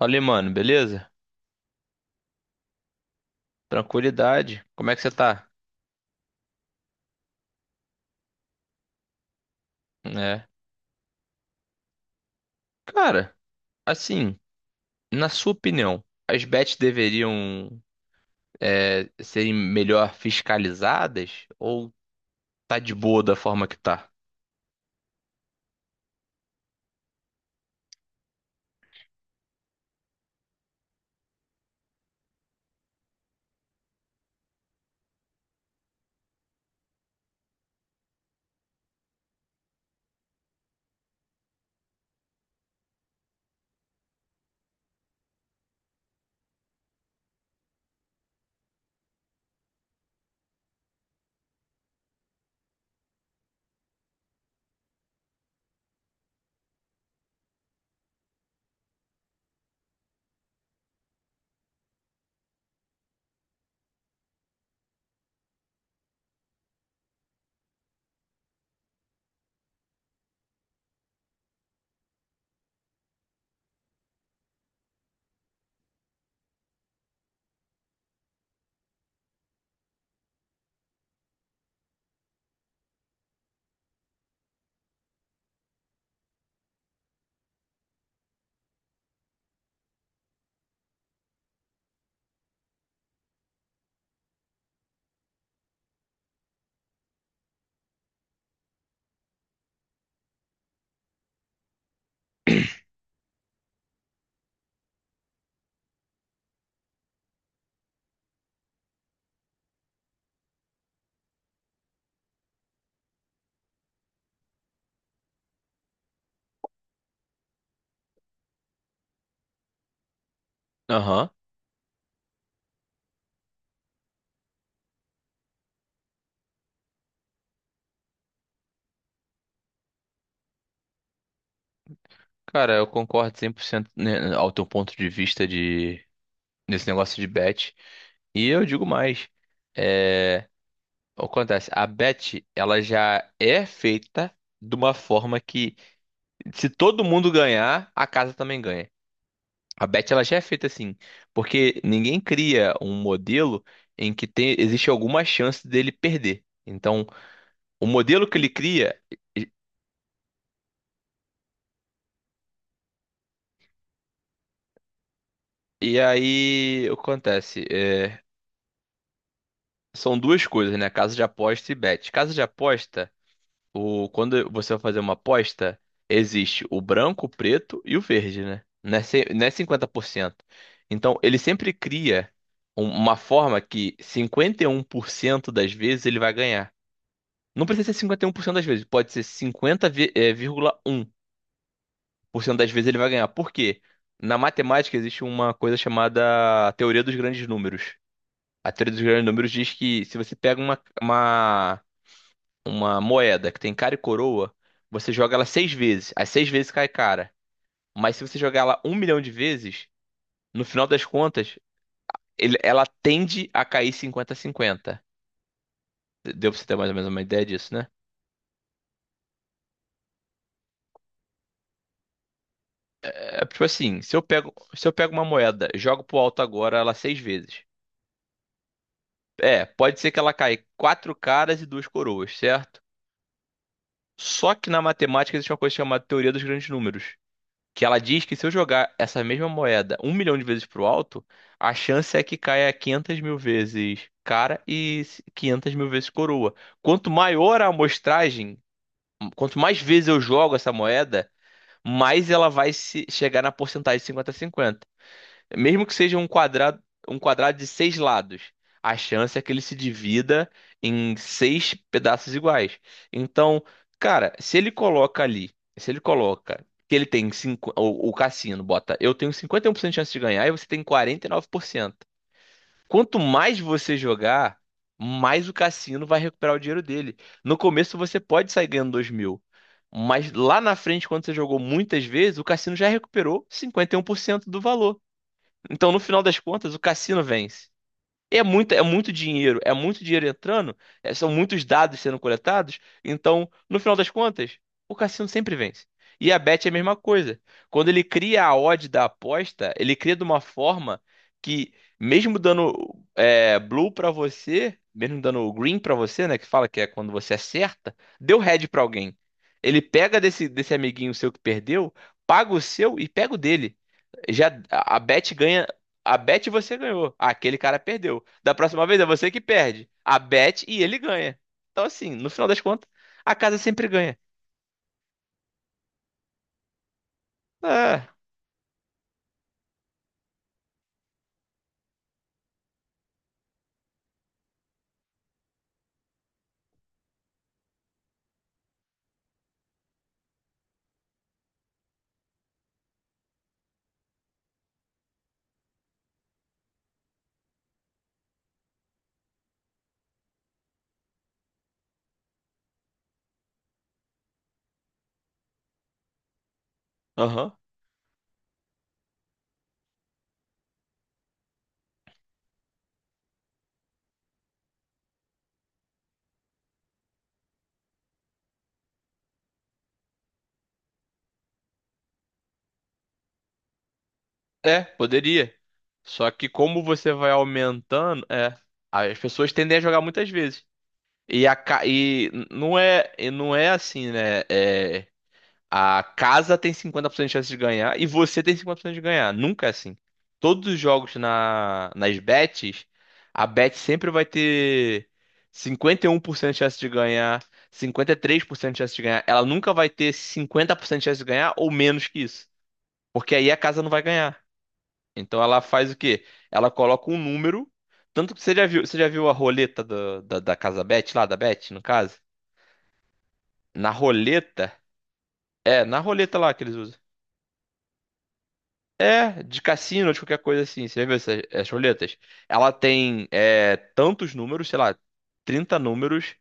Olha, aí, mano, beleza? Tranquilidade. Como é que você tá? É. Cara, assim, na sua opinião, as bets deveriam serem melhor fiscalizadas ou tá de boa da forma que tá? Aham. Cara, eu concordo 100%, né, ao teu ponto de vista de nesse negócio de bet. E eu digo mais, é, acontece, a bet ela já é feita de uma forma que, se todo mundo ganhar, a casa também ganha. A bet ela já é feita assim, porque ninguém cria um modelo em que tem, existe alguma chance dele perder. Então, o modelo que ele cria, e, e aí o que acontece? É, são duas coisas, né? Casa de aposta e bet. Casa de aposta, quando você vai fazer uma aposta, existe o branco, o preto e o verde, né? Não é 50%. Então, ele sempre cria uma forma que 51% das vezes ele vai ganhar. Não precisa ser 51% das vezes, pode ser 50,1% das vezes ele vai ganhar. Por quê? Na matemática existe uma coisa chamada teoria dos grandes números. A teoria dos grandes números diz que, se você pega uma moeda que tem cara e coroa, você joga ela seis vezes. As seis vezes cai cara. Mas se você jogar ela 1 milhão de vezes, no final das contas, ela tende a cair 50 a 50. Deu pra você ter mais ou menos uma ideia disso, né? É, tipo assim, se eu pego uma moeda, jogo pro alto agora ela seis vezes. É, pode ser que ela caia quatro caras e duas coroas, certo? Só que na matemática existe uma coisa chamada teoria dos grandes números, que ela diz que, se eu jogar essa mesma moeda 1 milhão de vezes pro alto, a chance é que caia 500 mil vezes cara e 500 mil vezes coroa. Quanto maior a amostragem, quanto mais vezes eu jogo essa moeda, mais ela vai se chegar na porcentagem 50 a 50. Mesmo que seja um quadrado de seis lados, a chance é que ele se divida em seis pedaços iguais. Então, cara, se ele coloca ali, se ele coloca que ele tem cinco, o cassino bota, eu tenho 51% de chance de ganhar e você tem 49%. Quanto mais você jogar, mais o cassino vai recuperar o dinheiro dele. No começo você pode sair ganhando 2 mil. Mas lá na frente, quando você jogou muitas vezes, o cassino já recuperou 51% do valor. Então, no final das contas, o cassino vence. É muito dinheiro, é muito dinheiro entrando, são muitos dados sendo coletados. Então, no final das contas, o cassino sempre vence. E a bet é a mesma coisa. Quando ele cria a odd da aposta, ele cria de uma forma que, mesmo dando blue para você, mesmo dando green para você, né, que fala que é quando você acerta, deu red para alguém. Ele pega desse amiguinho seu que perdeu, paga o seu e pega o dele. Já a bet ganha. A bet você ganhou. Aquele cara perdeu. Da próxima vez é você que perde. A bet e ele ganha. Então, assim, no final das contas, a casa sempre ganha. É, aham. É, poderia. Só que, como você vai aumentando, as pessoas tendem a jogar muitas vezes. E, a, ca- e n- não é, Não é assim, né? É, a casa tem 50% de chance de ganhar e você tem 50% de ganhar. Nunca é assim. Todos os jogos nas bets, a bet sempre vai ter 51% de chance de ganhar, 53% de chance de ganhar. Ela nunca vai ter 50% de chance de ganhar ou menos que isso. Porque aí a casa não vai ganhar. Então ela faz o quê? Ela coloca um número. Tanto que você já viu a roleta da casa bet, lá da bet, no caso? Na roleta. É, na roleta lá que eles usam. É, de cassino, de qualquer coisa assim. Você já viu essas roletas? Ela tem tantos números, sei lá, 30 números,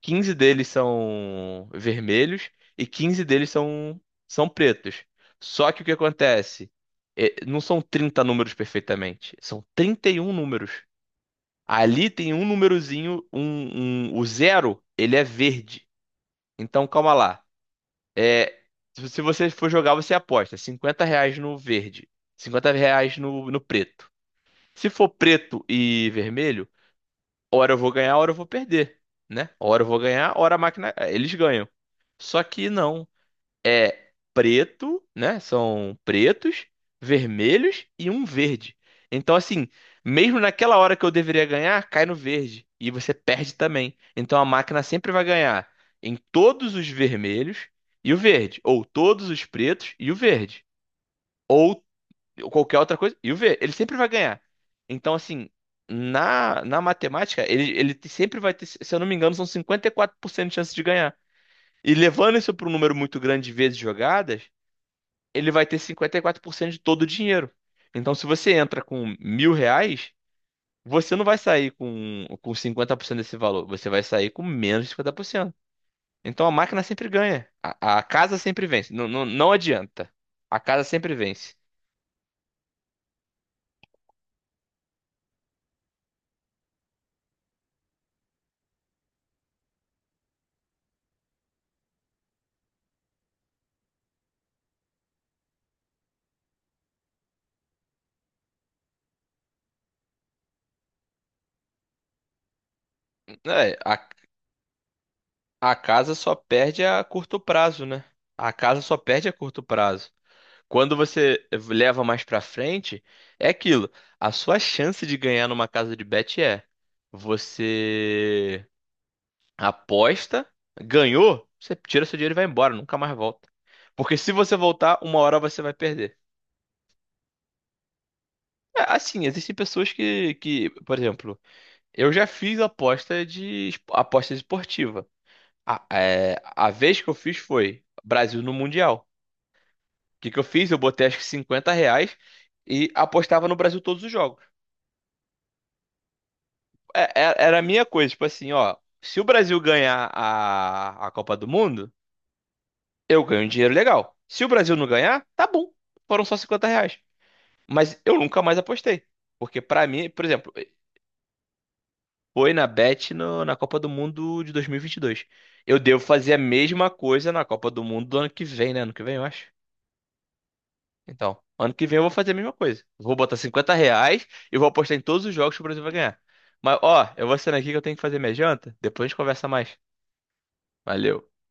15 deles são vermelhos e 15 deles são pretos. Só que o que acontece? É, não são 30 números perfeitamente, são 31 números. Ali tem um númerozinho, o zero, ele é verde. Então calma lá. É, se você for jogar, você aposta R$ 50 no verde, R$ 50 no preto. Se for preto e vermelho, hora eu vou ganhar, hora eu vou perder, né? Hora eu vou ganhar, hora a máquina, eles ganham. Só que não é preto, né? São pretos, vermelhos e um verde. Então, assim, mesmo naquela hora que eu deveria ganhar, cai no verde. E você perde também. Então a máquina sempre vai ganhar em todos os vermelhos e o verde. Ou todos os pretos e o verde. Ou qualquer outra coisa e o verde. Ele sempre vai ganhar. Então, assim. Na matemática, ele sempre vai ter, se eu não me engano, são 54% de chance de ganhar. E levando isso para um número muito grande de vezes jogadas, ele vai ter 54% de todo o dinheiro. Então, se você entra com R$ 1.000, você não vai sair com 50% desse valor, você vai sair com menos de 50%. Então, a máquina sempre ganha, a casa sempre vence, não, não, não adianta. A casa sempre vence. É, a casa só perde a curto prazo, né? A casa só perde a curto prazo. Quando você leva mais pra frente, é aquilo. A sua chance de ganhar numa casa de bet é você aposta, ganhou, você tira seu dinheiro e vai embora, nunca mais volta. Porque, se você voltar, uma hora você vai perder. É, assim, existem pessoas que, por exemplo, eu já fiz aposta esportiva. A vez que eu fiz foi Brasil no Mundial. O que que eu fiz? Eu botei acho que R$ 50 e apostava no Brasil todos os jogos. É, era a minha coisa, tipo assim, ó, se o Brasil ganhar a Copa do Mundo, eu ganho um dinheiro legal. Se o Brasil não ganhar, tá bom. Foram só R$ 50. Mas eu nunca mais apostei. Porque, pra mim, por exemplo, foi na Bet na Copa do Mundo de 2022. Eu devo fazer a mesma coisa na Copa do Mundo do ano que vem, né? Ano que vem, eu acho. Então, ano que vem eu vou fazer a mesma coisa. Vou botar R$ 50 e vou apostar em todos os jogos que o Brasil vai ganhar. Mas, ó, eu vou saindo aqui que eu tenho que fazer minha janta. Depois a gente conversa mais. Valeu.